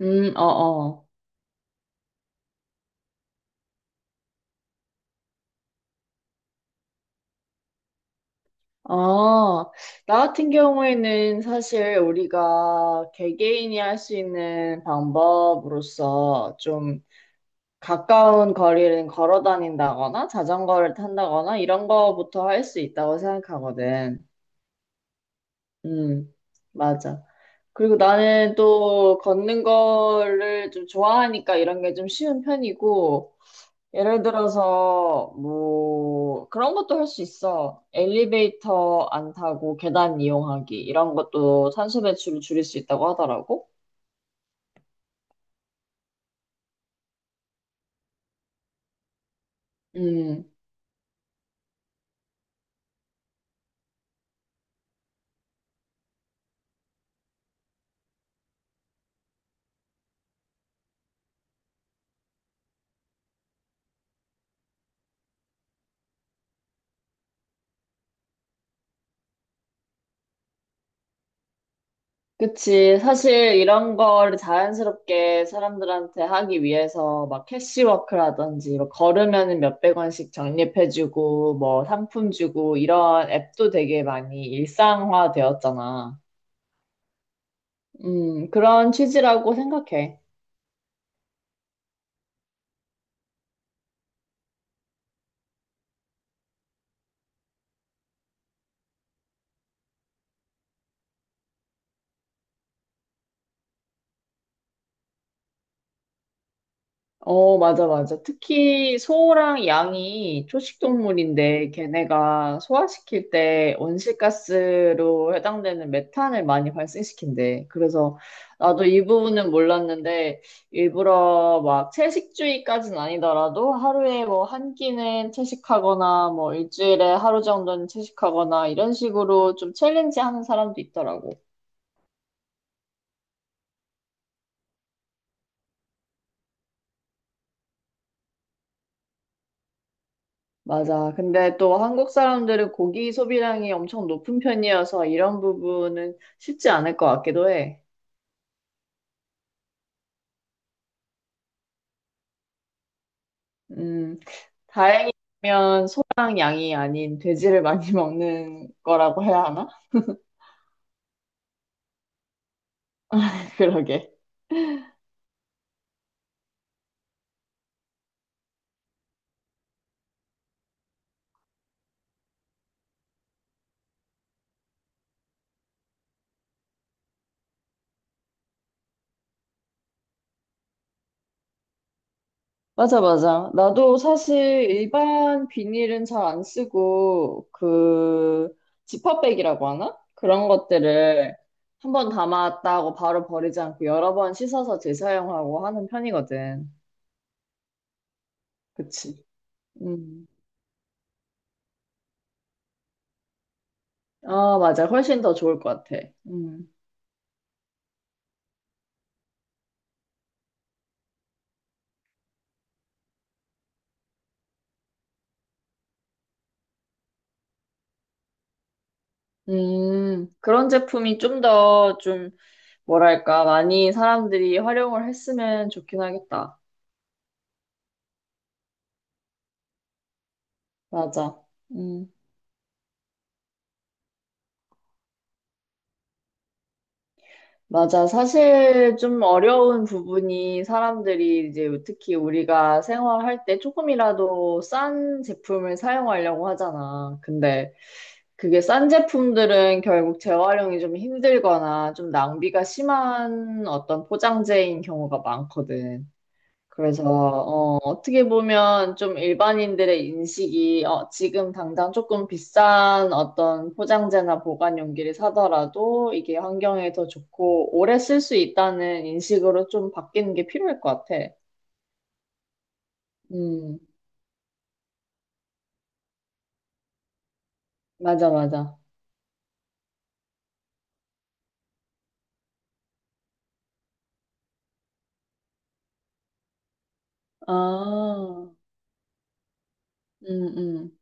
어, 어. 아, 나 같은 경우에는 사실 우리가 개개인이 할 수 있는 방법으로서 좀 가까운 거리를 걸어 다닌다거나 자전거를 탄다거나 이런 거부터 할 수 있다고 생각하거든. 음, 맞아. 그리고 나는 또 걷는 거를 좀 좋아하니까 이런 게 좀 쉬운 편이고, 예를 들어서 뭐 그런 것도 할 수 있어. 엘리베이터 안 타고 계단 이용하기 이런 것도 탄소 배출을 줄일 수 있다고 하더라고. 음, 그치. 사실 이런 거를 자연스럽게 사람들한테 하기 위해서 막 캐시워크라든지 뭐 걸으면 몇백 원씩 적립해주고 뭐 상품 주고 이런 앱도 되게 많이 일상화 되었잖아. 그런 취지라고 생각해. 어, 맞아, 맞아. 특히 소랑 양이 초식동물인데 걔네가 소화시킬 때 온실가스로 해당되는 메탄을 많이 발생시킨대. 그래서 나도 이 부분은 몰랐는데 일부러 막 채식주의까지는 아니더라도 하루에 뭐 한 끼는 채식하거나 뭐 일주일에 하루 정도는 채식하거나 이런 식으로 좀 챌린지 하는 사람도 있더라고. 맞아. 근데 또 한국 사람들은 고기 소비량이 엄청 높은 편이어서 이런 부분은 쉽지 않을 것 같기도 해. 음, 다행이면 소랑 양이 아닌 돼지를 많이 먹는 거라고 해야 하나? 그러게. 맞아, 맞아. 나도 사실 일반 비닐은 잘 안 쓰고, 그, 지퍼백이라고 하나? 그런 것들을 한번 담았다고 바로 버리지 않고 여러 번 씻어서 재사용하고 하는 편이거든. 그치? 음. 아 맞아. 훨씬 더 좋을 것 같아. 음. 그런 제품이 좀 더 좀, 뭐랄까, 많이 사람들이 활용을 했으면 좋긴 하겠다. 맞아. 음, 맞아. 사실 좀 어려운 부분이 사람들이 이제 특히 우리가 생활할 때 조금이라도 싼 제품을 사용하려고 하잖아. 근데 그게 싼 제품들은 결국 재활용이 좀 힘들거나 좀 낭비가 심한 어떤 포장재인 경우가 많거든. 그래서 어떻게 보면 좀 일반인들의 인식이 지금 당장 조금 비싼 어떤 포장재나 보관 용기를 사더라도 이게 환경에 더 좋고 오래 쓸 수 있다는 인식으로 좀 바뀌는 게 필요할 것 같아. 음, 맞아, 맞아. 아, 음, 음.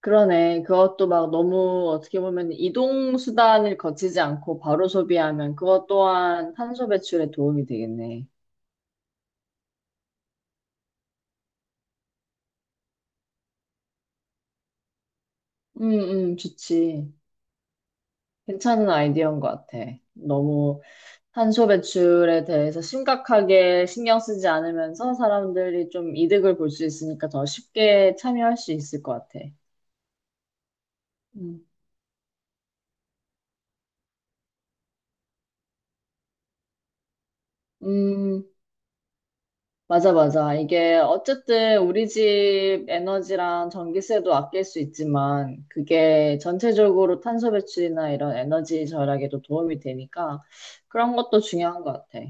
그러네. 그것도 막 너무 어떻게 보면 이동 수단을 거치지 않고 바로 소비하면 그것 또한 탄소 배출에 도움이 되겠네. 음, 좋지. 괜찮은 아이디어인 것 같아. 너무 탄소 배출에 대해서 심각하게 신경 쓰지 않으면서 사람들이 좀 이득을 볼 수 있으니까 더 쉽게 참여할 수 있을 것 같아. 음, 음, 맞아, 맞아. 이게 어쨌든 우리 집 에너지랑 전기세도 아낄 수 있지만 그게 전체적으로 탄소 배출이나 이런 에너지 절약에도 도움이 되니까 그런 것도 중요한 것 같아.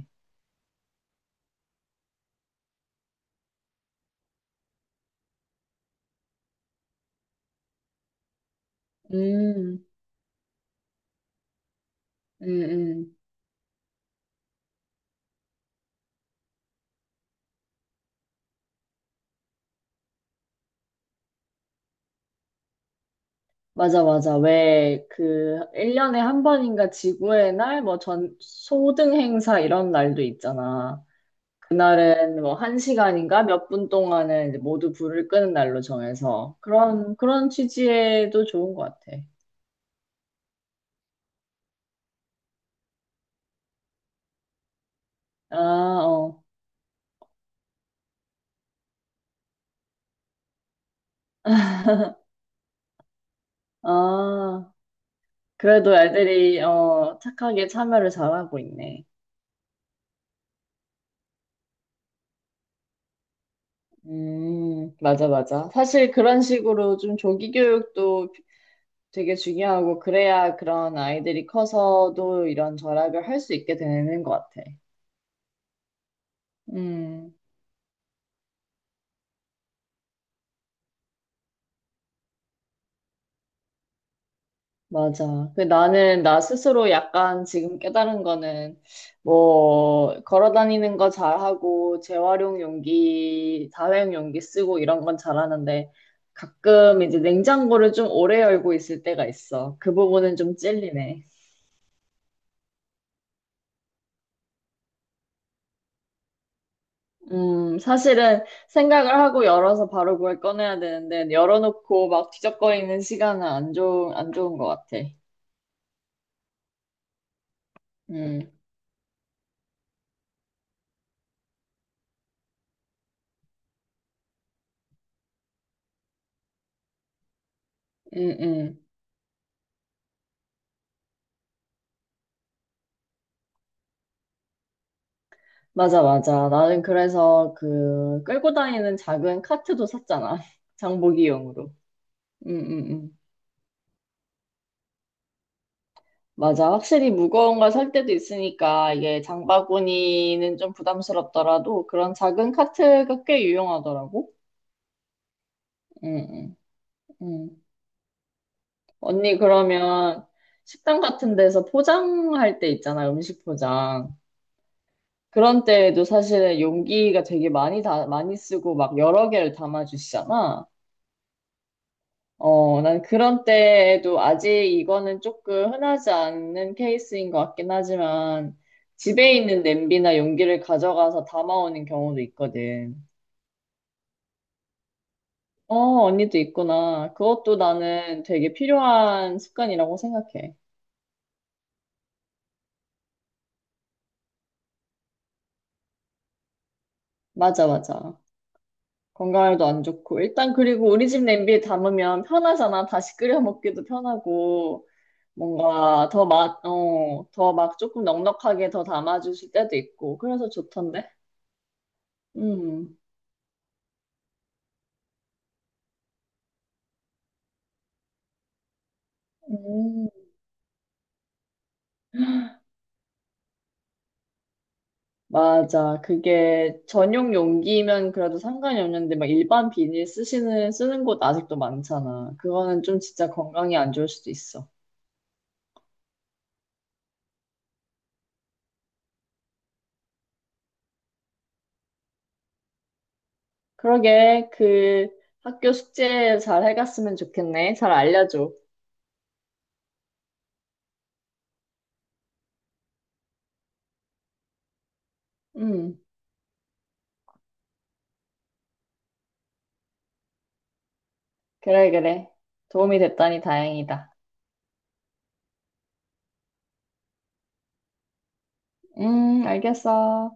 음, 음, 음. 맞아, 맞아. 왜, 그, 1년에 한 번인가 지구의 날, 뭐, 전, 소등 행사 이런 날도 있잖아. 그날은 뭐, 한 시간인가 몇 분 동안은 이제 모두 불을 끄는 날로 정해서. 그런 취지에도 좋은 것 같아. 아, 어. 아, 그래도 애들이, 착하게 참여를 잘하고 있네. 맞아, 맞아. 사실 그런 식으로 좀 조기 교육도 되게 중요하고 그래야 그런 아이들이 커서도 이런 절약을 할 수 있게 되는 것 같아. 음, 맞아. 그 나는 나 스스로 약간 지금 깨달은 거는 뭐 걸어 다니는 거 잘하고 재활용 용기, 다회용 용기 쓰고 이런 건 잘하는데 가끔 이제 냉장고를 좀 오래 열고 있을 때가 있어. 그 부분은 좀 찔리네. 사실은 생각을 하고 열어서 바로 그걸 꺼내야 되는데, 열어놓고 막 뒤적거리는 시간은 안 좋은 것 같아. 음, 음, 음. 맞아, 맞아. 나는 그래서 그 끌고 다니는 작은 카트도 샀잖아. 장보기용으로. 음, 음, 음. 맞아. 확실히 무거운 걸 살 때도 있으니까 이게 장바구니는 좀 부담스럽더라도 그런 작은 카트가 꽤 유용하더라고. 음, 음, 음. 언니, 그러면 식당 같은 데서 포장할 때 있잖아, 음식 포장. 그런 때에도 사실은 용기가 되게 많이 많이 쓰고 막 여러 개를 담아주시잖아. 난 그런 때에도 아직 이거는 조금 흔하지 않는 케이스인 것 같긴 하지만 집에 있는 냄비나 용기를 가져가서 담아오는 경우도 있거든. 어, 언니도 있구나. 그것도 나는 되게 필요한 습관이라고 생각해. 맞아, 맞아. 건강에도 안 좋고. 일단 그리고 우리 집 냄비에 담으면 편하잖아. 다시 끓여 먹기도 편하고, 뭔가 더 막 조금 넉넉하게 더 담아주실 때도 있고. 그래서 좋던데? 음. 음. 맞아. 그게 전용 용기면 그래도 상관이 없는데, 막 일반 비닐 쓰시는, 쓰는 곳 아직도 많잖아. 그거는 좀 진짜 건강에 안 좋을 수도 있어. 그러게, 그 학교 숙제 잘 해갔으면 좋겠네. 잘 알려줘. 음. 그래, 그래. 도움이 됐다니 다행이다. 알겠어.